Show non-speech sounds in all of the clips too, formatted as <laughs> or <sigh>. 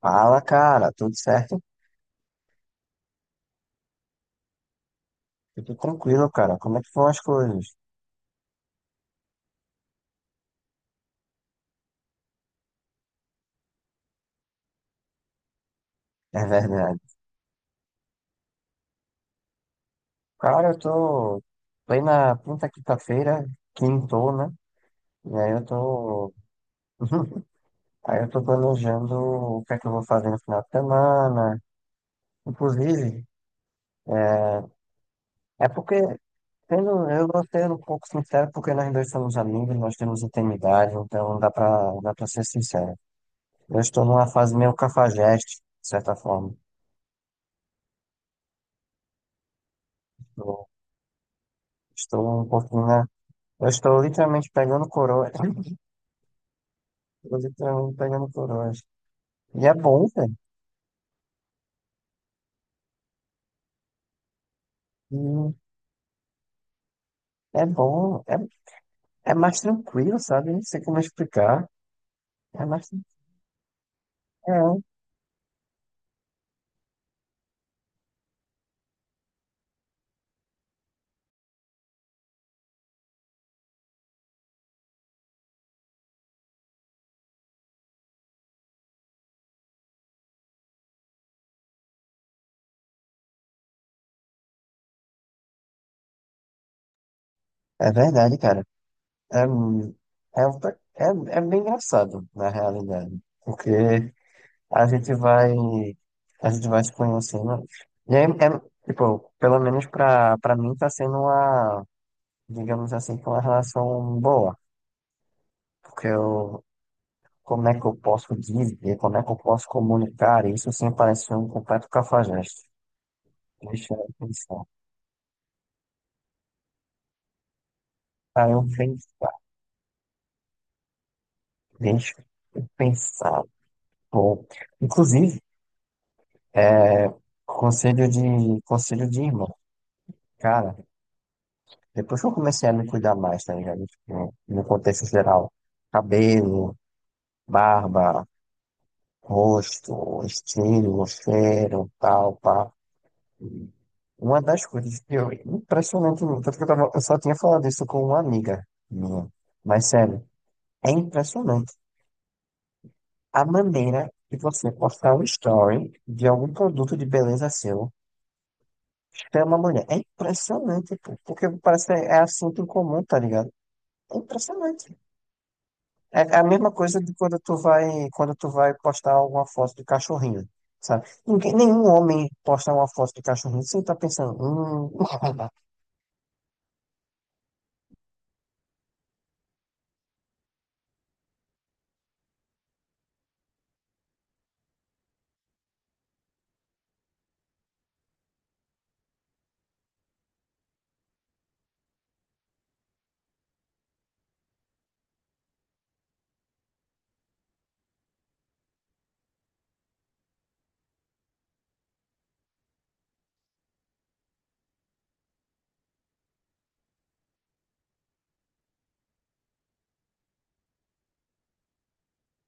Fala, cara, tudo certo? Eu Tudo tranquilo, cara. Como é que vão as coisas? É verdade. Cara, eu tô plena quinta-feira, quintou, né? E aí eu tô. <laughs> Aí eu tô planejando o que é que eu vou fazer no final de semana. Inclusive, é porque, eu vou ser um pouco sincero, porque nós dois somos amigos, nós temos intimidade, então dá pra ser sincero. Eu estou numa fase meio cafajeste, de certa forma. Eu estou um pouquinho, né? Eu estou literalmente pegando coroa. <laughs> Estou literalmente pegando coroas. E é bom, velho. E É bom. É mais tranquilo, sabe? Não sei como explicar. É mais tranquilo. É, é verdade, cara. É, mu- é, outra- é, é bem engraçado, na realidade. Porque a gente vai. A gente vai se conhecendo. E é, é, tipo, pelo menos pra mim tá sendo uma, digamos assim, uma relação boa. Porque eu, Como é que eu posso dizer, como é que eu posso comunicar isso sem parecer um completo cafajeste? Deixa eu pensar. Para eu pensar, deixa eu pensar. Bom, inclusive, é, conselho de irmão. Cara, depois que eu comecei a me cuidar mais, tá ligado? Tipo, no contexto geral, cabelo, barba, rosto, estilo, cheiro, tal, pá. Uma das coisas que eu, impressionante, tanto que eu, tava, eu só tinha falado isso com uma amiga minha, mas sério, é impressionante a maneira de você postar um story de algum produto de beleza seu, chama a mulher. É impressionante, pô, porque parece que é assunto em comum, tá ligado? É impressionante. É é a mesma coisa de quando tu vai postar alguma foto de cachorrinho, sabe? Nenhum homem posta uma foto de cachorrinho sem estar pensando, hum. <laughs>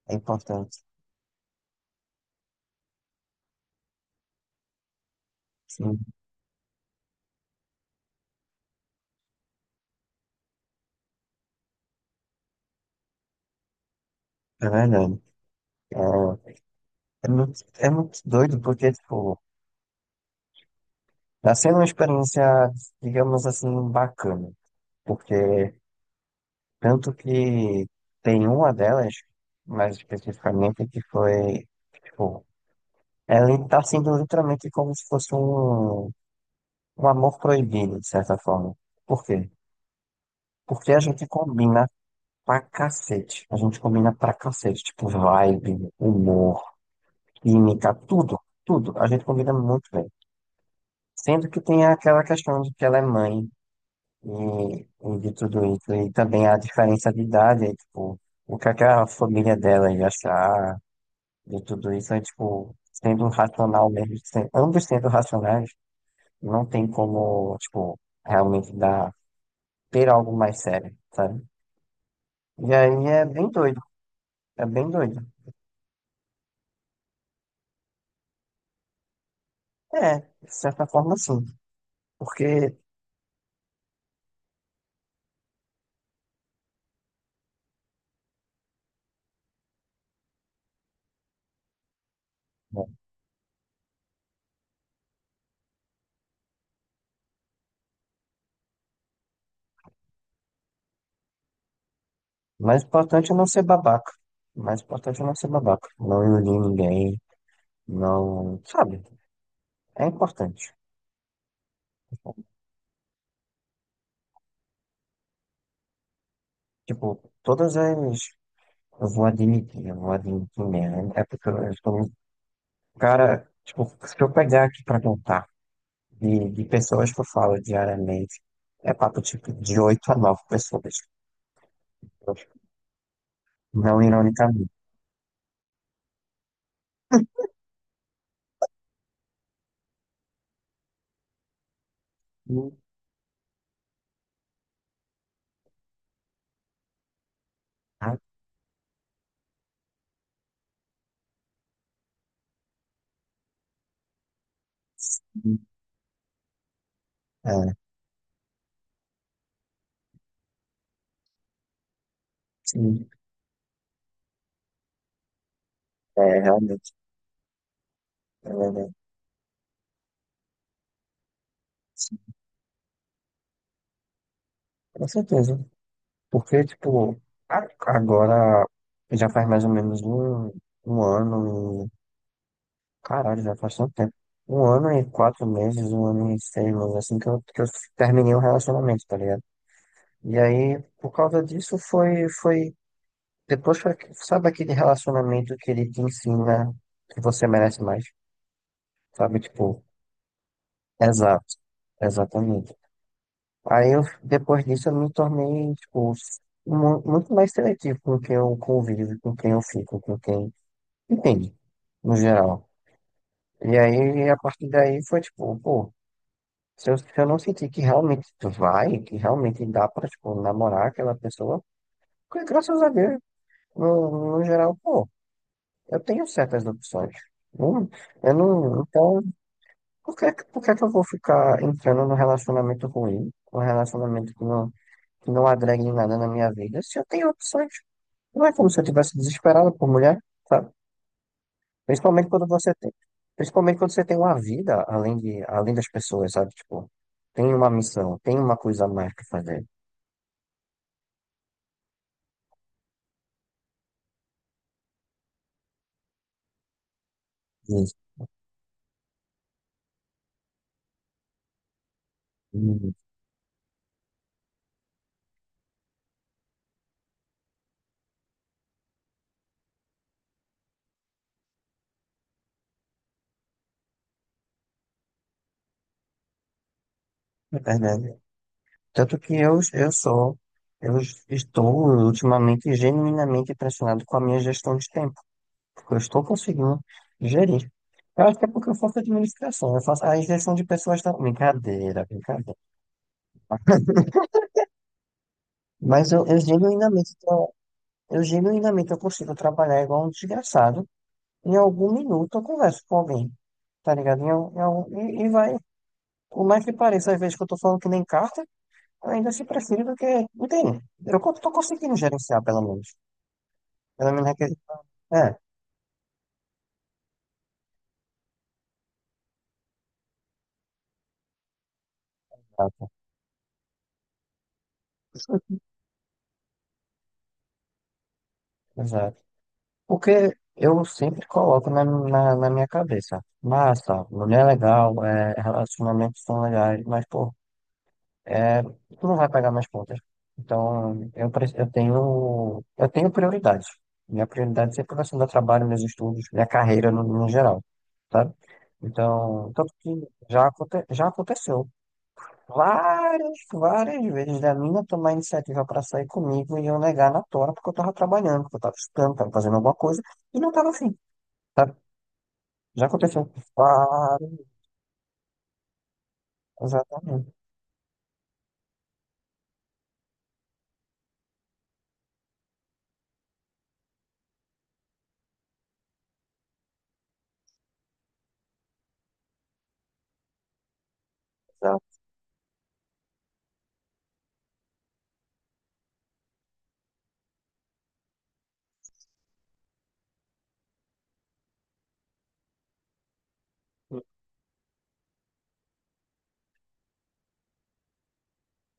É importante. Sim, é verdade. É é muito doido porque, tipo, tá sendo uma experiência, digamos assim, bacana. Porque tanto que tem uma delas, mais especificamente, que foi, tipo, ela tá sendo literalmente como se fosse um, um amor proibido, de certa forma. Por quê? Porque a gente combina pra cacete. A gente combina pra cacete, tipo, vibe, humor, química, tudo, tudo. A gente combina muito bem. Sendo que tem aquela questão de que ela é mãe e de tudo isso, e também a diferença de idade, é, tipo, o que é que a família dela ia achar de tudo isso, é tipo, sendo um racional mesmo, ambos sendo racionais, não tem como, tipo, realmente dar, ter algo mais sério, sabe? E aí é bem doido, é bem doido. É, de certa forma sim, porque o mais importante é não ser babaca, o mais importante é não ser babaca, não iludir ninguém, não, sabe? É importante. Tipo, todas as. Eu vou admitir mesmo, né? É porque eu sou um cara. Tipo, se eu pegar aqui pra contar de pessoas que eu falo diariamente, é papo tipo de 8 a nove pessoas. Não ironicamente. Ah, sim. É, sim, é, realmente. É, é, sim, com certeza. Porque, tipo, agora já faz mais ou menos um, um ano. Caralho, já faz tanto tempo. Um ano e quatro meses, um ano e seis meses, assim que que eu terminei o relacionamento, tá ligado? E aí, por causa disso, foi, sabe aquele relacionamento que ele te ensina que você merece mais, sabe? Tipo, exato, exatamente. Aí, eu, depois disso, eu me tornei, tipo, muito mais seletivo com quem eu convivo, com quem eu fico, com quem, entende, no geral. E aí, a partir daí, foi tipo, pô. Se eu não sentir que realmente vai, que realmente dá pra, tipo, namorar aquela pessoa, porque, graças a Deus, no, no geral, pô, eu tenho certas opções. Não- eu não, então, por que que eu vou ficar entrando num relacionamento ruim, um relacionamento que não agrega em nada na minha vida, se eu tenho opções? Não é como se eu tivesse desesperado por mulher, sabe? Principalmente quando você tem, principalmente quando você tem uma vida além de, além das pessoas, sabe? Tipo, tem uma missão, tem uma coisa a mais pra fazer. Isso, hum, é verdade. Tanto que eu estou ultimamente genuinamente impressionado com a minha gestão de tempo, porque eu estou conseguindo gerir. Eu acho que é porque eu faço administração, eu faço a gestão de pessoas também. Brincadeira, brincadeira. Eu genuinamente, eu genuinamente eu consigo trabalhar igual um desgraçado. Em algum minuto eu converso com alguém, tá ligado? E vai, por mais que pareça, às vezes que eu tô falando que nem carta. Ainda assim prefiro do que. Não tem. Tô conseguindo gerenciar, pelo menos. Pelo menos é que. É, exato. Exato. Porque eu sempre coloco na minha cabeça. Massa, mulher é legal, é, relacionamentos são legais, mas, pô, é, tu não vai pagar minhas contas. Então, eu tenho prioridades. Minha prioridade sempre vai ser meu trabalho, meus estudos, minha carreira no geral, sabe? Então, tanto que já aconteceu. Várias, várias vezes da mina tomar iniciativa pra sair comigo e eu negar na tora porque eu tava trabalhando, porque eu tava estudando, tava fazendo alguma coisa e não tava afim, sabe? Já aconteceu. Várias, exatamente, exato.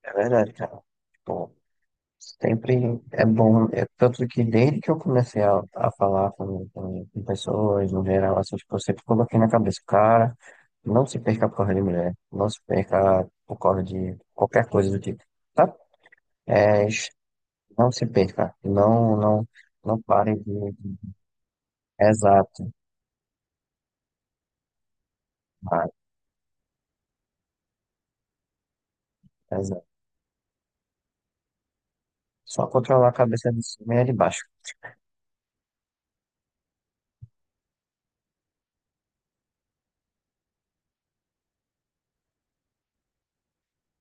É verdade, cara. Tipo, sempre é bom. É tanto que desde que eu comecei a falar com pessoas, no geral, assim, tipo, eu sempre coloquei na cabeça, cara, não se perca por causa de mulher, não se perca por causa de qualquer coisa do tipo, tá? É, não se perca. Não, não, não pare de. Exato, vai, exato. Só controlar a cabeça de cima e a de baixo.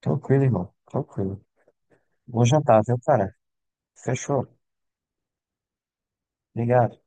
Tranquilo, irmão. Tranquilo. Bom jantar, viu, cara? Fechou. Obrigado.